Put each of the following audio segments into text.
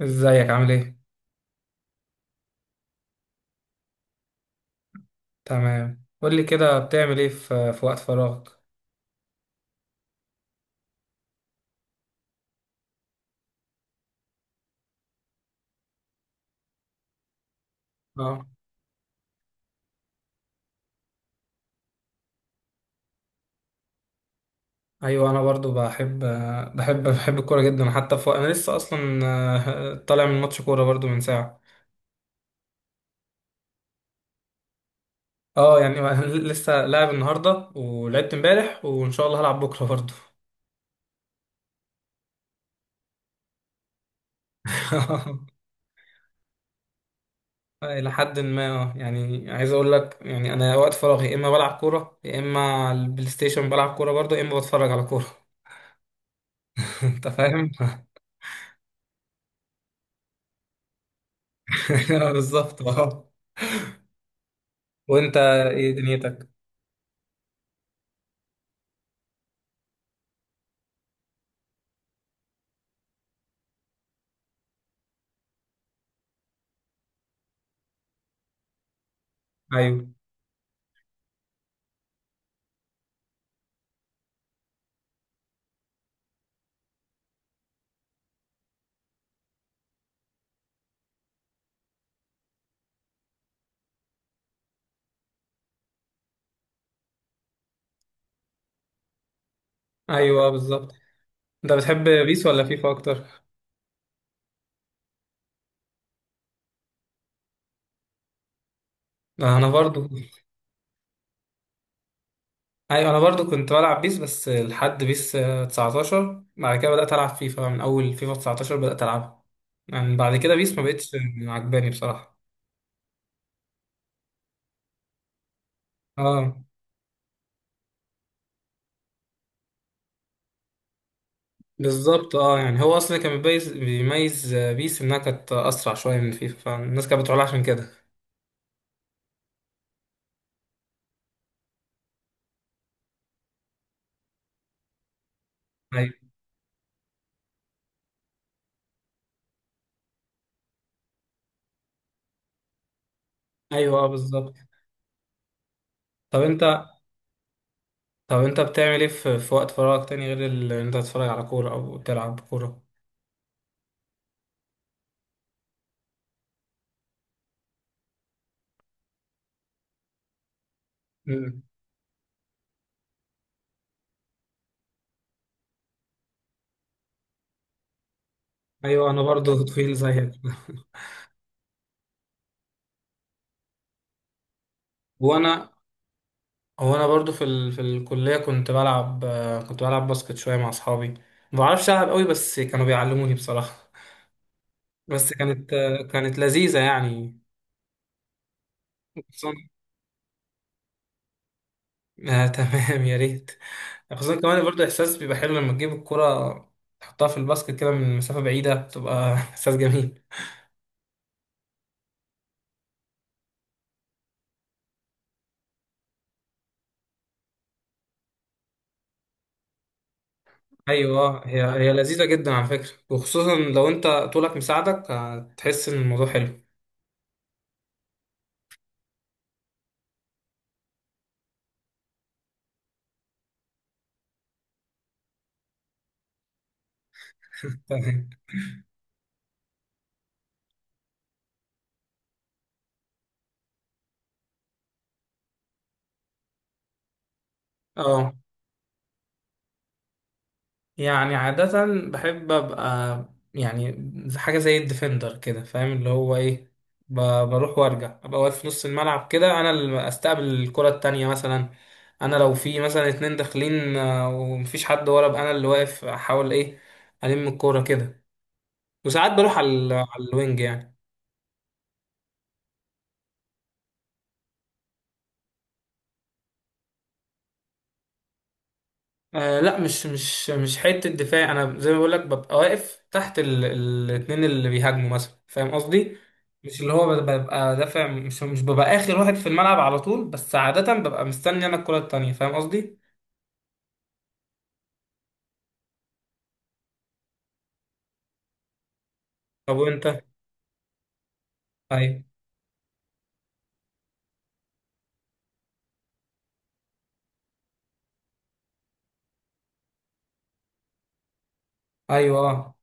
ازيك؟ عامل ايه؟ تمام. قول لي كده، بتعمل ايه في وقت فراغك؟ اه، ايوه انا برضو بحب بحب الكوره جدا، حتى في انا لسه اصلا طالع من ماتش كوره برضو من ساعه. اه يعني لسه لاعب النهارده، ولعبت امبارح وان شاء الله هلعب بكره برضو. الى حد ما، اه يعني، عايز اقول لك يعني انا وقت فراغي يا اما بلعب كوره، يا اما على البلاي ستيشن بلعب كوره برضو، يا اما بتفرج على كوره. انت فاهم. بالظبط اه. وانت ايه دنيتك؟ ايوه. ايوه بالظبط. انت بتحب بيس ولا فيفا اكتر؟ انا برضو. ايوه انا برضو كنت بلعب بيس، بس لحد بيس 19، بعد كده بدأت العب فيفا، من اول فيفا 19 بدأت العبها. يعني بعد كده بيس ما بقتش عجباني بصراحة. اه بالظبط، اه يعني هو اصلا كان بيميز بيس انها كانت اسرع شوية من فيفا، فالناس كانت بتقول عشان كده. ايوه. ايوه اه بالظبط. طب انت بتعمل ايه في, وقت فراغك تاني غير ان انت تتفرج على كورة او تلعب كورة؟ ايوه انا برضو طويل زيك. وانا برضو في في الكليه كنت بلعب، كنت بلعب باسكت شويه مع اصحابي، ما بعرفش العب قوي بس كانوا بيعلموني بصراحه. بس كانت، كانت لذيذه يعني. خصوصا آه تمام، يا ريت. خصوصا كمان برضو احساس بيبقى حلو لما تجيب الكره تحطها في الباسكت كده من مسافه بعيده، تبقى احساس جميل. ايوه، هي لذيذه جدا على فكره، وخصوصا لو انت طولك مساعدك هتحس ان الموضوع حلو. اه يعني عادة بحب أبقى يعني حاجة زي الديفندر كده، فاهم اللي هو إيه. ب- بروح وأرجع أبقى واقف في نص الملعب كده، أنا اللي أستقبل الكرة التانية مثلا. أنا لو في مثلا اتنين داخلين ومفيش حد ورا، أبقى أنا اللي واقف أحاول إيه ألم الكورة كده. وساعات بروح على على الوينج يعني. آه لا، مش حته دفاع، انا زي ما بقول لك ببقى واقف تحت الاتنين اللي بيهاجموا مثلا، فاهم قصدي؟ مش اللي هو ببقى دافع، مش ببقى اخر واحد في الملعب على طول، بس عاده ببقى مستني انا الكره التانيه، فاهم قصدي؟ طب وانت؟ ايوه. ايوه اه.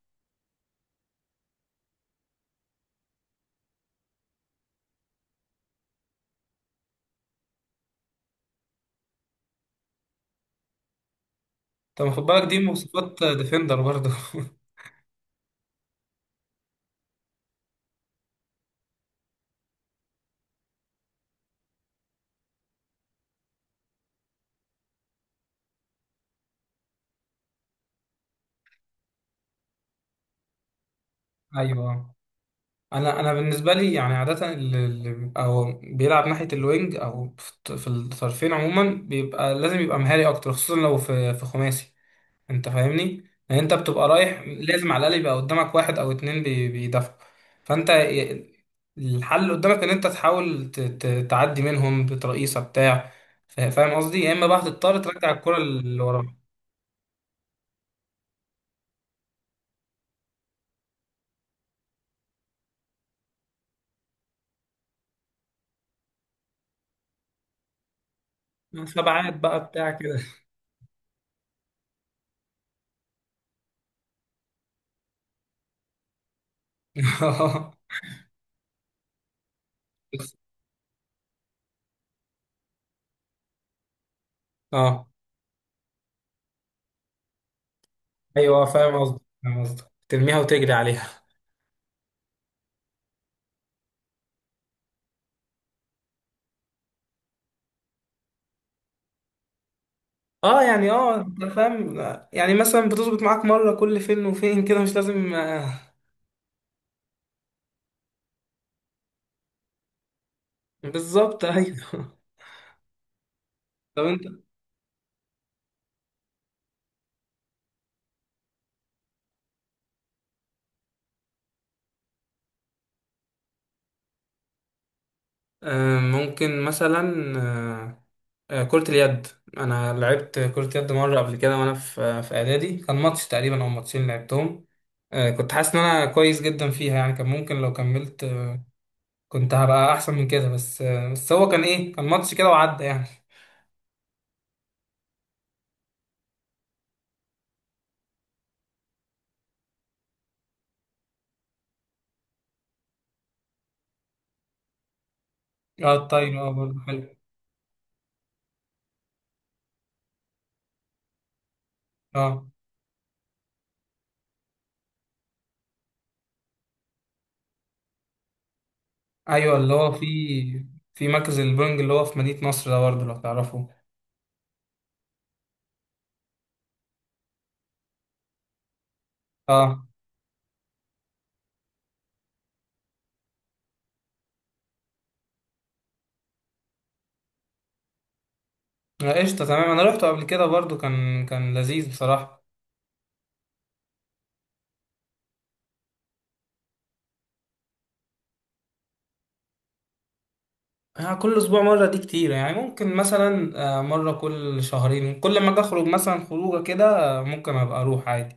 طب خد بالك دي مواصفات ديفندر برضه. ايوه آه. انا بالنسبه لي يعني عاده اللي بيبقى هو بيلعب ناحيه الوينج او في في الطرفين عموما، بيبقى لازم يبقى مهاري اكتر، خصوصا لو في خماسي. انت فاهمني؟ يعني انت بتبقى رايح، لازم على الاقل يبقى قدامك واحد او اتنين بيدافعوا. فانت الحل اللي قدامك ان انت تحاول تعدي منهم بترقيصه بتاع. فاهم قصدي؟ يا اما بقى هتضطر ترجع الكره اللي وراك سبعات بقى بتاع كده. بس- اه ايوه فاهم قصدي، فاهم قصدي، ترميها وتجري عليها. اه يعني اه انت فاهم. يعني مثلا بتظبط معاك مره كل فين وفين كده، مش لازم بالظبط، ايوه. طب انت، ممكن مثلا آه، كرة اليد. أنا لعبت كرة يد مرة قبل كده وأنا في إعدادي، كان ماتش تقريبا أو ماتشين لعبتهم. كنت حاسس إن أنا كويس جدا فيها، يعني كان ممكن لو كملت كنت هبقى أحسن من كده، بس بس هو كان إيه، كان ماتش كده وعدى يعني. اه الطايرة اه برضه حلو. اه أيوه، اللي هو في في مركز البونج اللي هو في مدينة نصر ده برضه لو تعرفه. اه قشطة، تمام. أنا روحته قبل كده برضه، كان لذيذ بصراحة. كل اسبوع مره دي كتير يعني، ممكن مثلا مره كل شهرين كل ما اجي اخرج مثلا خروجه كده، ممكن ابقى اروح عادي،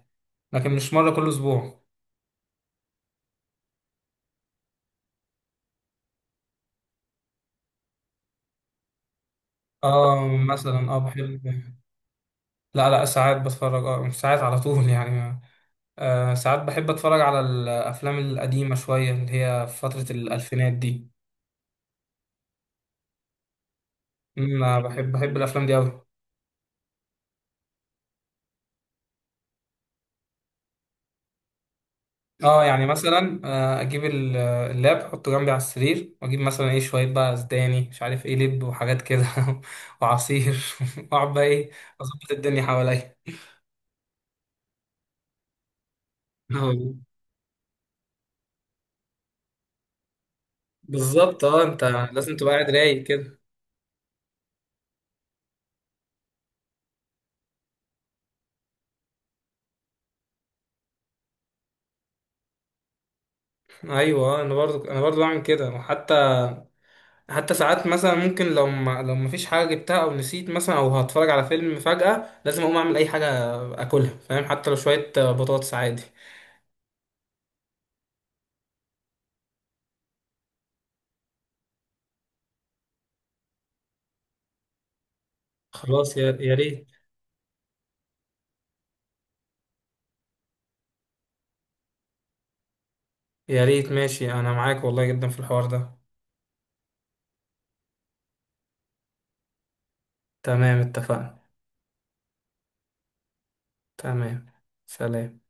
لكن مش مره كل اسبوع. اه مثلا اه بحب. لا، لا ساعات بتفرج، اه مش ساعات على طول يعني. آه ساعات بحب اتفرج على الافلام القديمه شويه اللي هي في فتره الالفينات دي. أمم، آه، بحب الافلام دي قوي. اه يعني مثلا اجيب اللاب احطه جنبي على السرير، واجيب مثلا ايه شويه بقى زبادي مش عارف ايه، لب وحاجات كده وعصير، واقعد بقى ايه اظبط الدنيا حواليا. اه بالظبط، اه انت لازم تبقى قاعد رايق كده. ايوه انا برضو بعمل كده، وحتى حتى ساعات مثلا ممكن لو ما فيش حاجه جبتها، او نسيت مثلا، او هتفرج على فيلم فجاه لازم اقوم اعمل اي حاجه اكلها، فاهم؟ حتى لو شويه بطاطس عادي. خلاص يا ريت. يا ريت، ماشي، انا معاك والله جدا في الحوار ده. تمام اتفقنا. تمام، سلام.